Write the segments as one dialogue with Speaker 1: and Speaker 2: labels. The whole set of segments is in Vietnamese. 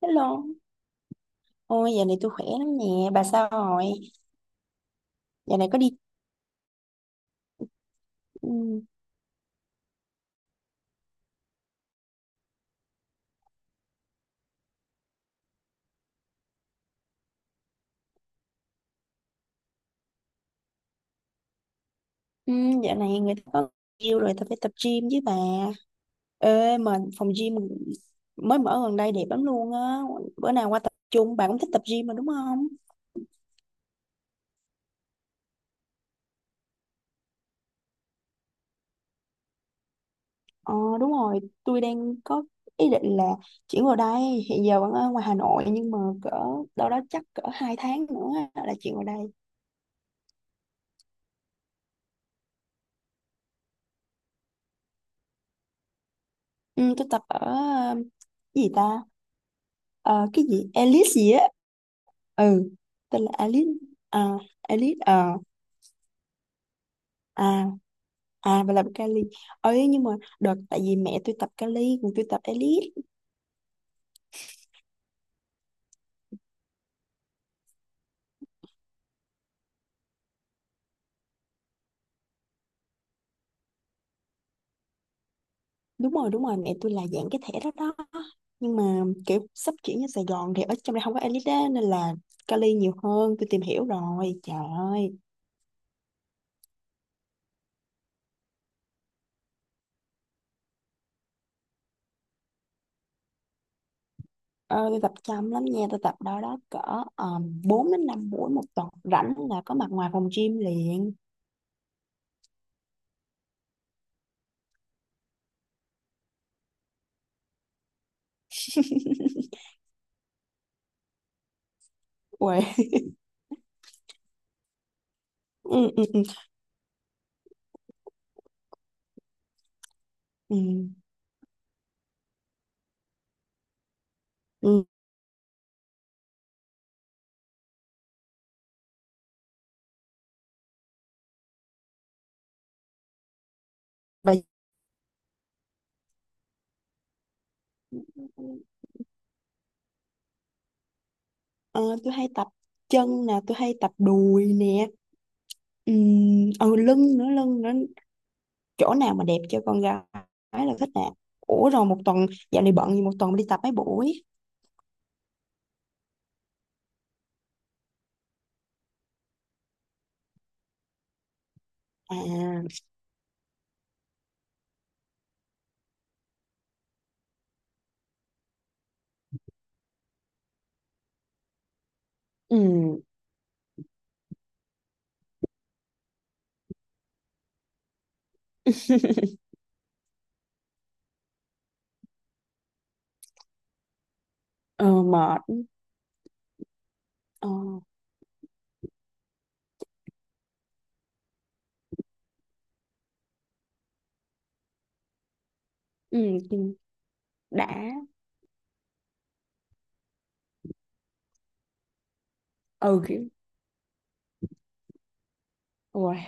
Speaker 1: Hello. Ôi, dạo này tôi khỏe lắm nè. Bà sao rồi? Dạo này có đi. Ừ, ừ, dạo này người ta có yêu rồi, tôi phải tập gym với bà. Ê, mà phòng gym mới mở gần đây đẹp lắm luôn á. Bữa nào qua tập chung, bà cũng thích tập gym mà đúng không? Ờ, đúng rồi. Tôi đang có ý định là chuyển vào đây. Hiện giờ vẫn ở ngoài Hà Nội, nhưng mà cỡ đâu đó chắc cỡ 2 tháng nữa á, là chuyển vào đây. Ừ, tôi tập ở, cái gì ta? Cái gì? Alice gì á. Ừ, tên là Alice à, Alice à à và là Cali ấy, nhưng mà đợt tại vì mẹ tôi tập Cali còn tôi tập Alice. Đúng rồi, đúng rồi, mẹ tôi là dạng cái thẻ đó đó, nhưng mà kiểu sắp chuyển ra Sài Gòn thì ở trong đây không có Alice á, nên là Cali nhiều hơn. Tôi tìm hiểu rồi, trời ơi. Ờ, tôi tập chăm lắm nha, tôi tập đó đó cỡ 4 đến 5 buổi một tuần, rảnh là có mặt ngoài phòng gym liền. Uầy. Ừ, ừ, ừ. Ừ. Ừ. Và Ờ, tôi hay tập chân nè, tôi hay tập đùi nè, ừ, ừ, lưng nữa, chỗ nào mà đẹp cho con gái là thích nè. Ủa rồi một tuần, dạo này bận gì một tuần đi tập mấy buổi? À, ừ, ờ, mệt, ờ, ừ, đã, ừ, kiểu, ui,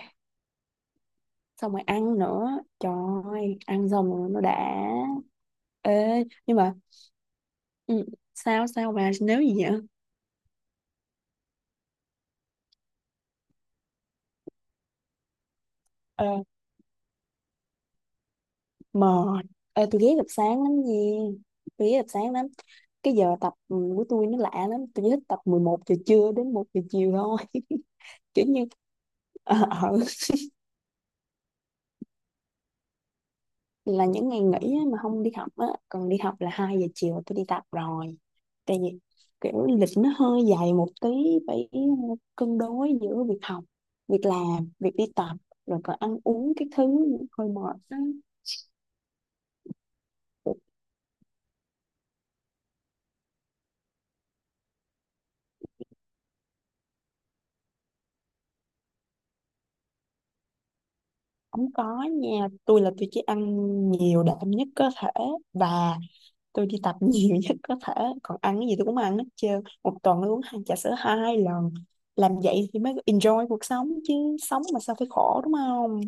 Speaker 1: xong rồi ăn nữa, trời ơi, ăn xong rồi nó đã. Ê, nhưng mà, ừ, sao, sao bà, nếu gì vậy? Ờ. Mệt. Ê, tôi ghé tập sáng lắm nha, tôi ghét tập sáng lắm, cái giờ tập của tôi nó lạ lắm, tôi chỉ thích tập 11 giờ trưa đến 1 giờ chiều thôi. Kiểu như ờ ờ, là những ngày nghỉ á, mà không đi học á, còn đi học là 2 giờ chiều tôi đi tập rồi. Tại vì kiểu lịch nó hơi dài một tí, phải cân đối giữa việc học, việc làm, việc đi tập, rồi còn ăn uống, cái thứ hơi mệt á. Không có nha, tôi là tôi chỉ ăn nhiều đạm nhất có thể, và tôi đi tập nhiều nhất có thể, còn ăn cái gì tôi cũng ăn hết trơn. Một tuần tôi uống hai trà sữa 2 lần, làm vậy thì mới enjoy cuộc sống chứ, sống mà sao phải khổ, đúng không.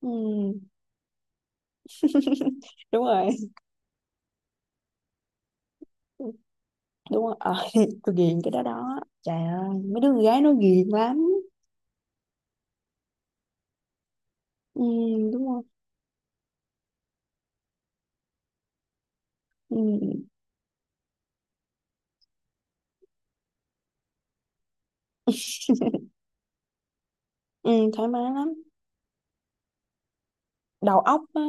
Speaker 1: Ừ. Đúng rồi, đúng rồi. Ờ, tôi ghiền cái đó đó, trời ơi, mấy đứa con gái nó ghiền lắm. Ừ, đúng không. Ừ, ừ, thoải mái lắm. Đầu óc á,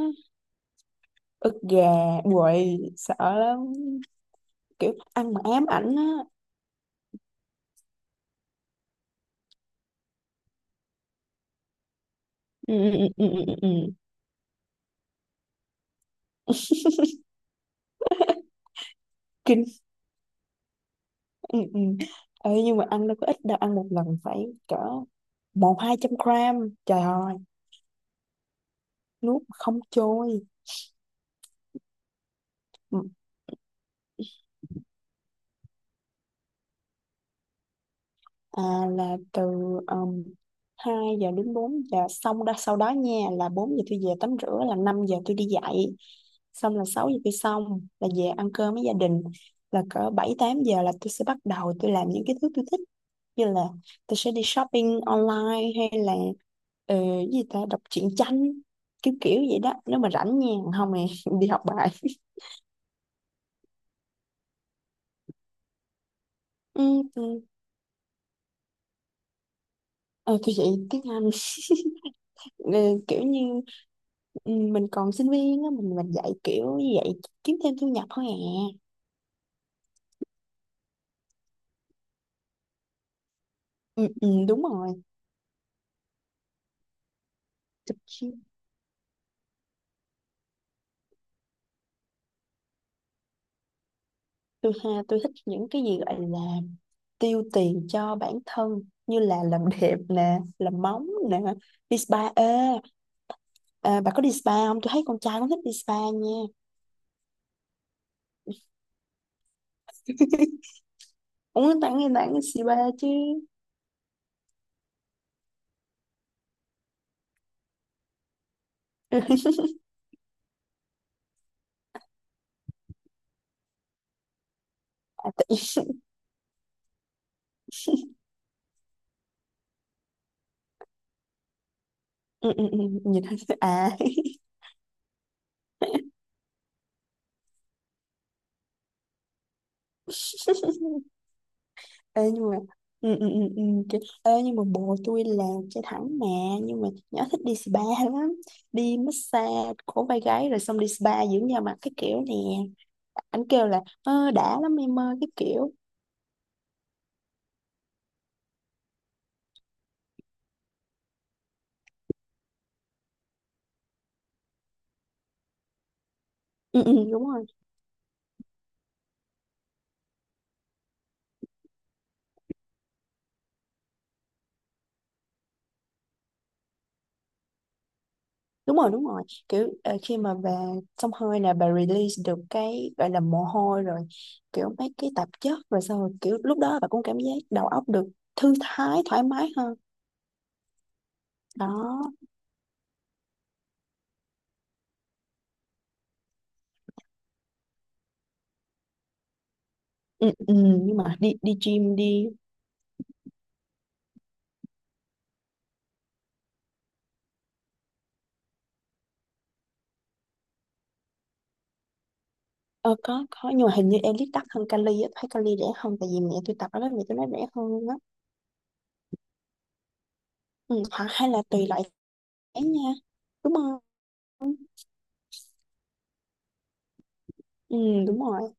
Speaker 1: ức gà quậy sợ lắm, kiểu ăn mà ám ảnh á. Ừ, ừ, ừ, ừ, ừ. Ừ. Kinh. Ừ, ừ. Ê, nhưng mà ăn đâu có ít đâu, ăn một lần phải cỡ một hai trăm gram, trời ơi, nuốt mà không trôi. À, là từ um, 2 giờ đến 4 giờ, xong đó sau đó nha, là 4 giờ tôi về tắm rửa, là 5 giờ tôi đi dạy, xong là 6 giờ tôi xong, là về ăn cơm với gia đình, là cỡ 7-8 giờ là tôi sẽ bắt đầu, tôi làm những cái thứ tôi thích như là tôi sẽ đi shopping online, hay là cái gì ta, đọc truyện tranh, kiểu kiểu vậy đó nếu mà rảnh nha, không thì đi học bài. Ừ, ừ. Ờ, tôi dạy tiếng Anh. Ờ, kiểu như, ừ, mình còn sinh viên á, mình dạy kiểu như vậy, kiếm thêm thu nhập thôi à. Ừ, ừ, đúng rồi. tôi, chi- tôi ha tôi thích những cái gì gọi là tiêu tiền cho bản thân, như là làm đẹp nè, làm móng nè, đi spa. Ê, à, bà có đi spa không, tôi thấy con trai cũng thích đi spa nha. Uống tặng em tặng spa chứ. À, tự. Ừ, ừ, ừ, nhìn à. Ê nhưng mà, ừ, ừ, ừ, ừ. Ê nhưng mà bồ tôi là trai thẳng mà. Nhưng mà nhỏ thích đi spa lắm, đi massage cổ vai gáy, rồi xong đi spa dưỡng da mặt cái kiểu nè. Anh kêu là ờ, đã lắm em ơi, cái kiểu. Ừ, ừ, đúng rồi. Đúng rồi, đúng rồi. Kiểu khi mà bà xông hơi nè, bà release được cái gọi là mồ hôi rồi, kiểu mấy cái tạp chất, rồi xong rồi kiểu lúc đó bà cũng cảm giác đầu óc được thư thái, thoải mái hơn. Đó. Ừ, ừ, nhưng mà đi đi gym đi. Ờ, có, nhưng mà hình như em đắt hơn Cali á, thấy Cali rẻ hơn, tại vì mẹ tôi tập ở đó, mẹ tôi nói rẻ hơn luôn á. Ừ, hoặc hay là tùy loại giá nha. Đúng không? Ừ, đúng rồi.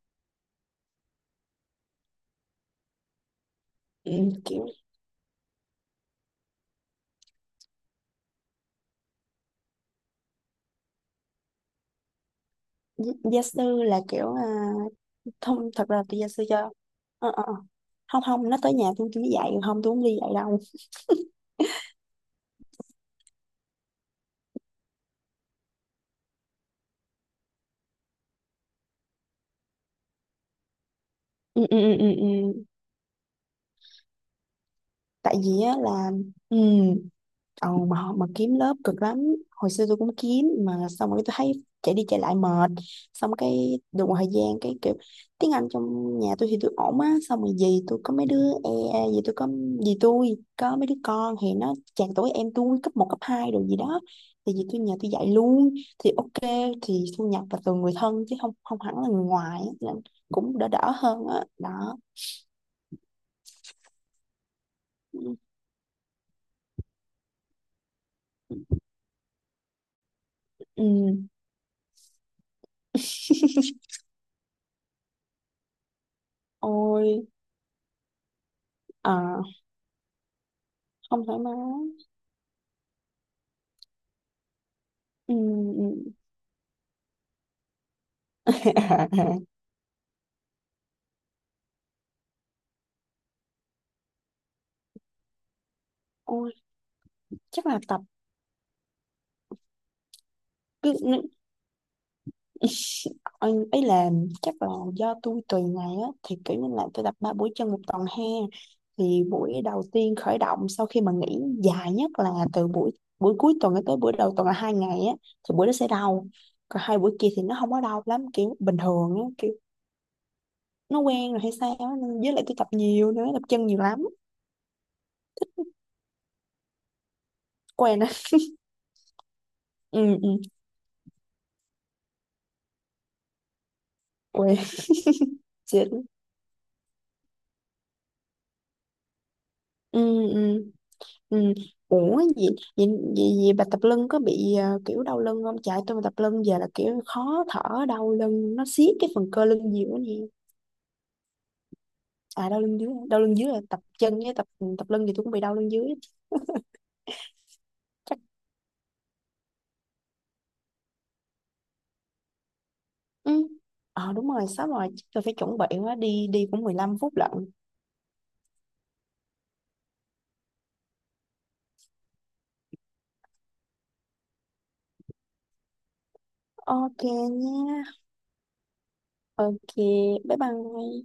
Speaker 1: Ừ, kiểu gia sư là kiểu à, không, thật ra là tôi gia sư cho. Ờ, ờ, ờ. Không, không, nó tới nhà tôi mới dạy, không, tôi không đi dạy đâu. Ừ, ừ, ừ, ừ. Ừ. Tại vì á là, ừ. Ờ, mà kiếm lớp cực lắm, hồi xưa tôi cũng kiếm mà xong rồi tôi thấy chạy đi chạy lại mệt, xong cái được một thời gian cái kiểu tiếng Anh trong nhà tôi thì tôi ổn á, xong rồi gì tôi có mấy đứa e gì tôi có gì tôi có mấy đứa con thì nó chạc tuổi em tôi, cấp 1 cấp 2 rồi gì đó, thì gì tôi nhà tôi dạy luôn, thì ok, thì thu nhập là từ người thân chứ không không hẳn là người ngoài á. Nên cũng đỡ đỡ hơn á đó. Ừ. Ôi, à, không thoải mái. Ừ. Ừ. Ôi, chắc là tập, cứ anh ấy làm chắc là do tôi tùy ngày á, thì kiểu như là tôi tập 3 buổi chân một tuần ha, thì buổi đầu tiên khởi động sau khi mà nghỉ dài nhất là từ buổi buổi cuối tuần tới buổi đầu tuần là 2 ngày á, thì buổi đó sẽ đau, còn 2 buổi kia thì nó không có đau lắm, kiểu bình thường á, kiểu nó quen rồi hay sao á, nên với lại tôi tập nhiều nữa, tập chân nhiều lắm. Quen á. Ừ, ừ. Quen. Xịn. Ừ, ừ. Ừ. Ủa vậy, vậy, vậy, vậy bà tập lưng có bị kiểu đau lưng không? Chạy tôi mà tập lưng giờ là kiểu khó thở, đau lưng nó siết cái phần cơ lưng nhiều quá nè. À, đau lưng dưới là tập chân, với tập lưng thì tôi cũng bị đau lưng dưới. Chắc. Ừ. Ờ, đúng rồi, sắp rồi, chắc tôi phải chuẩn bị quá, đi đi cũng 15 phút lận. Ok nha. Ok, bye bye.